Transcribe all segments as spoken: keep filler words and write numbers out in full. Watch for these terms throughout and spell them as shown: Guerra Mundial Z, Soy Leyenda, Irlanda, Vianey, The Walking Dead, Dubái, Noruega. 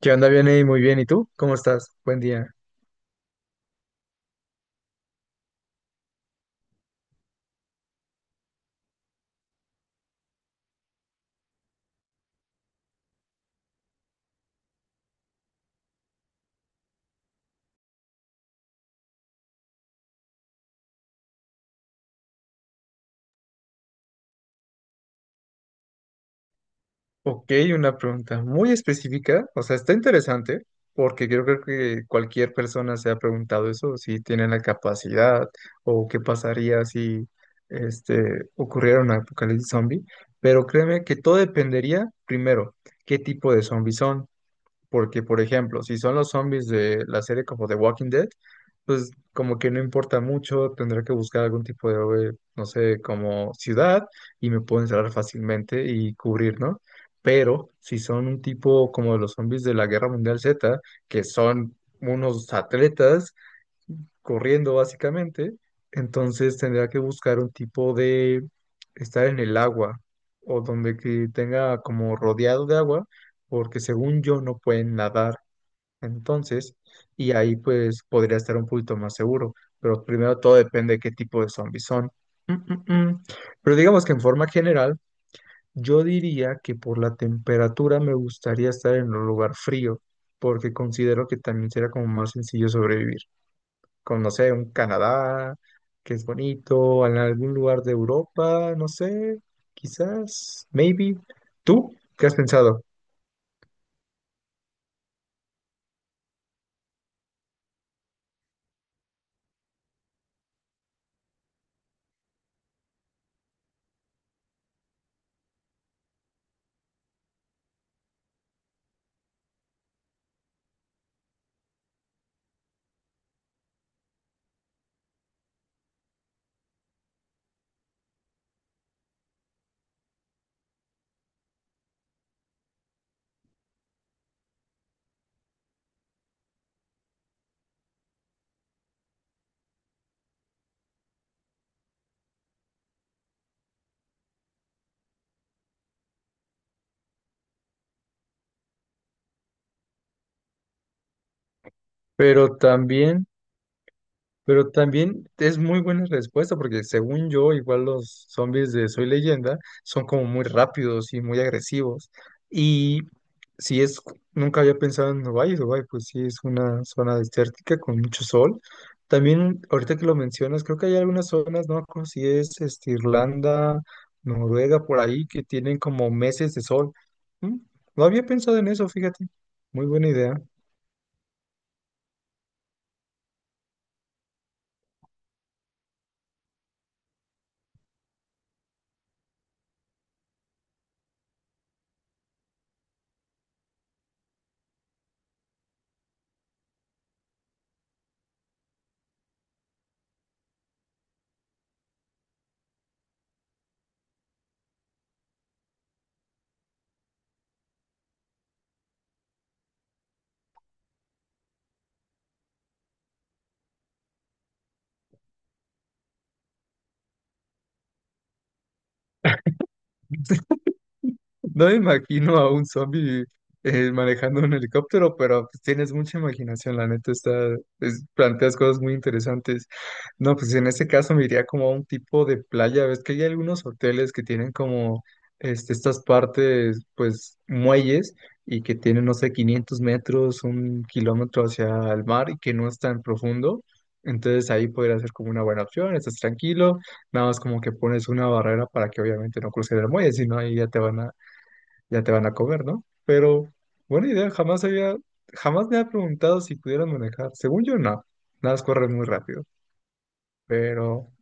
¿Qué onda, Vianey? Muy bien. ¿Y tú? ¿Cómo estás? Buen día. Ok, una pregunta muy específica. O sea, está interesante porque yo creo que cualquier persona se ha preguntado eso, si tienen la capacidad o qué pasaría si este, ocurriera un apocalipsis zombie. Pero créeme que todo dependería, primero, qué tipo de zombies son. Porque, por ejemplo, si son los zombies de la serie como The Walking Dead, pues como que no importa mucho, tendré que buscar algún tipo de, eh, no sé, como ciudad y me puedo encerrar fácilmente y cubrir, ¿no? Pero si son un tipo como los zombies de la Guerra Mundial Z, que son unos atletas corriendo básicamente, entonces tendría que buscar un tipo de estar en el agua o donde que tenga como rodeado de agua, porque según yo no pueden nadar. Entonces, y ahí pues podría estar un poquito más seguro, pero primero todo depende de qué tipo de zombies son. Mm, mm, mm. Pero digamos que en forma general, yo diría que por la temperatura me gustaría estar en un lugar frío, porque considero que también será como más sencillo sobrevivir. Con, no sé, un Canadá, que es bonito, en algún lugar de Europa, no sé, quizás, maybe. ¿Tú qué has pensado? Pero también... Pero también es muy buena respuesta, porque según yo, igual los zombies de Soy Leyenda son como muy rápidos y muy agresivos. Y si es, nunca había pensado en Dubái, y Dubái pues sí es una zona desértica con mucho sol. También, ahorita que lo mencionas, creo que hay algunas zonas, no me acuerdo si es este, Irlanda, Noruega, por ahí, que tienen como meses de sol. Mm, No había pensado en eso, fíjate. Muy buena idea. No me imagino a un zombie eh, manejando un helicóptero, pero pues, tienes mucha imaginación, la neta, está, es- planteas cosas muy interesantes. No, pues en este caso me iría como a un tipo de playa, ves que hay algunos hoteles que tienen como este, estas partes, pues muelles, y que tienen, no sé, quinientos metros, un kilómetro hacia el mar y que no es tan profundo. Entonces ahí podría ser como una buena opción, estás tranquilo, nada más como que pones una barrera para que obviamente no cruce el muelle, si no ahí ya te van a ya te van a comer, ¿no? Pero buena idea, jamás había, jamás me ha preguntado si pudieran manejar. Según yo, no, nada más corren muy rápido, pero...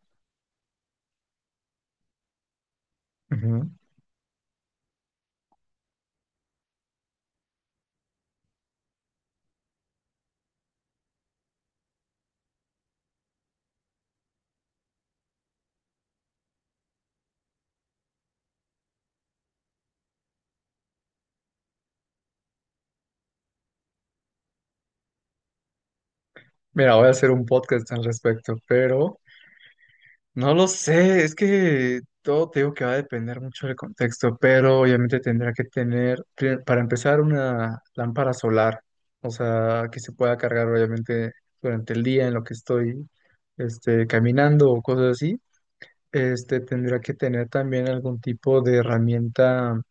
ujú. Mira, voy a hacer un podcast al respecto, pero no lo sé, es que todo te digo que va a depender mucho del contexto, pero obviamente tendrá que tener, pri- para empezar, una lámpara solar, o sea, que se pueda cargar obviamente durante el día en lo que estoy este, caminando o cosas así. Este tendría que tener también algún tipo de herramienta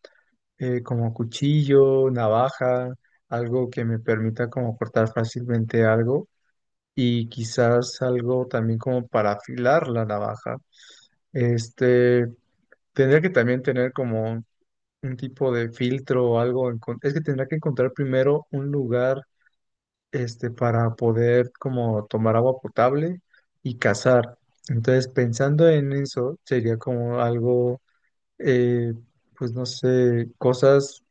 eh, como cuchillo, navaja, algo que me permita como cortar fácilmente algo y quizás algo también como para afilar la navaja. Este tendría que también tener como un tipo de filtro o algo. encon- Es que tendría que encontrar primero un lugar este para poder como tomar agua potable y cazar. Entonces pensando en eso sería como algo eh, pues no sé, cosas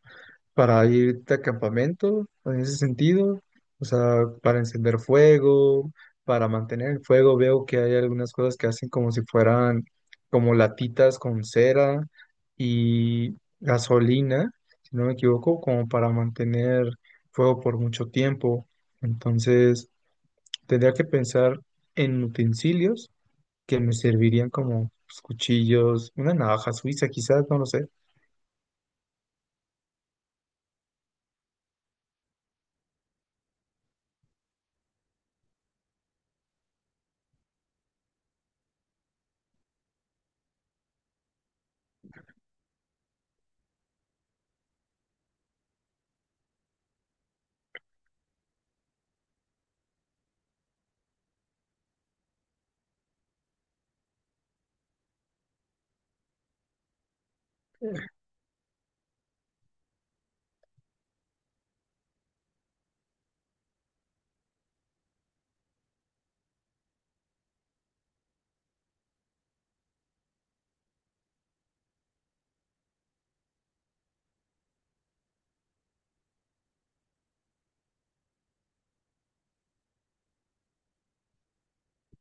para irte a campamento en ese sentido, o sea, para encender fuego, para mantener el fuego, veo que hay algunas cosas que hacen como si fueran como latitas con cera y gasolina, si no me equivoco, como para mantener fuego por mucho tiempo. Entonces, tendría que pensar en utensilios que me servirían como pues, cuchillos, una navaja suiza quizás, no lo sé.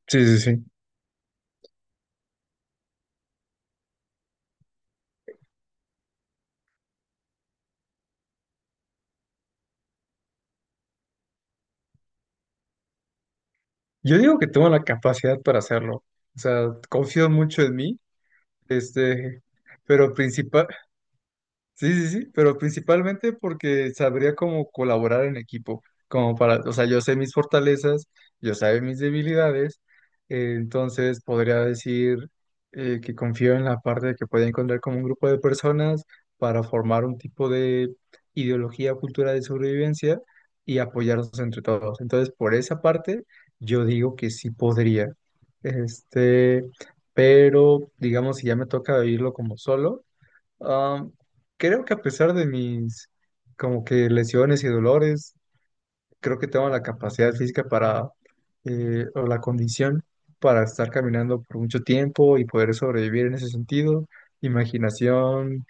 Sí, sí, sí. Yo digo que tengo la capacidad para hacerlo. O sea, confío mucho en mí, este, pero principal. Sí, sí, sí, pero principalmente porque sabría cómo colaborar en equipo, como para, o sea, yo sé mis fortalezas, yo sé mis debilidades, eh, entonces podría decir eh, que confío en la parte de que podía encontrar como un grupo de personas para formar un tipo de ideología, o cultura de sobrevivencia y apoyarnos entre todos. Entonces, por esa parte, yo digo que sí podría. Este, pero digamos, si ya me toca vivirlo como solo. Am, creo que a pesar de mis como que lesiones y dolores, creo que tengo la capacidad física para eh, o la condición para estar caminando por mucho tiempo y poder sobrevivir en ese sentido. Imaginación,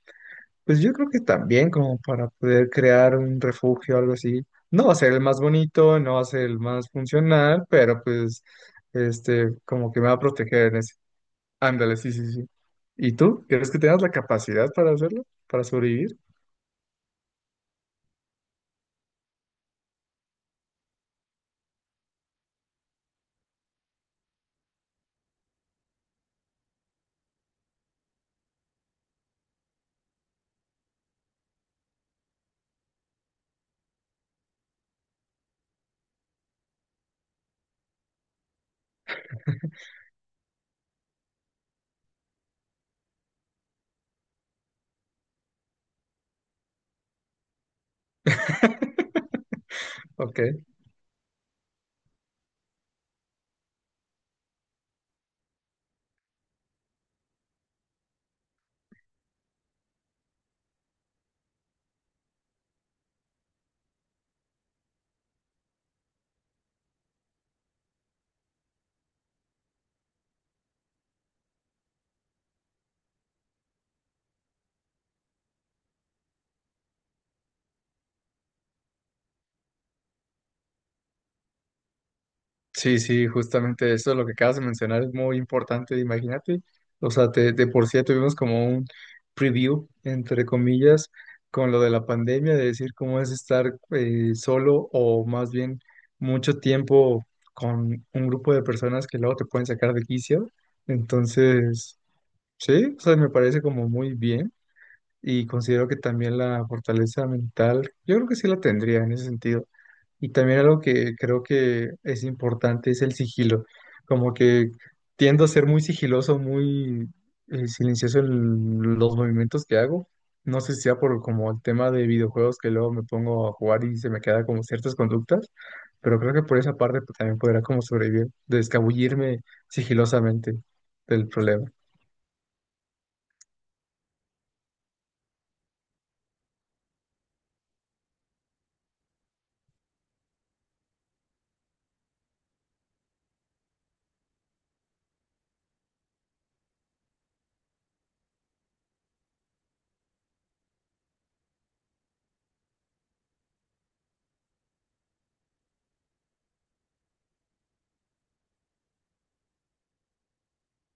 pues yo creo que también como para poder crear un refugio, algo así. No va a ser el más bonito, no va a ser el más funcional, pero pues este como que me va a proteger en ese. Ándale, sí, sí, sí. ¿Y tú? ¿Crees que tengas la capacidad para hacerlo? ¿Para sobrevivir? Ok, sí, sí, justamente eso, lo que acabas de mencionar es muy importante, imagínate. O sea, te- de por sí ya tuvimos como un preview, entre comillas, con lo de la pandemia, de decir cómo es estar eh, solo o más bien mucho tiempo con un grupo de personas que luego te pueden sacar de quicio. Entonces, sí, o sea, me parece como muy bien y considero que también la fortaleza mental, yo creo que sí la tendría en ese sentido. Y también algo que creo que es importante es el sigilo. Como que tiendo a ser muy sigiloso, muy eh, silencioso en los movimientos que hago. No sé si sea por como el tema de videojuegos que luego me pongo a jugar y se me queda como ciertas conductas, pero creo que por esa parte pues, también podrá como sobrevivir, de escabullirme sigilosamente del problema.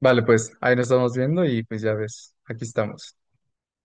Vale, pues ahí nos estamos viendo y pues ya ves, aquí estamos.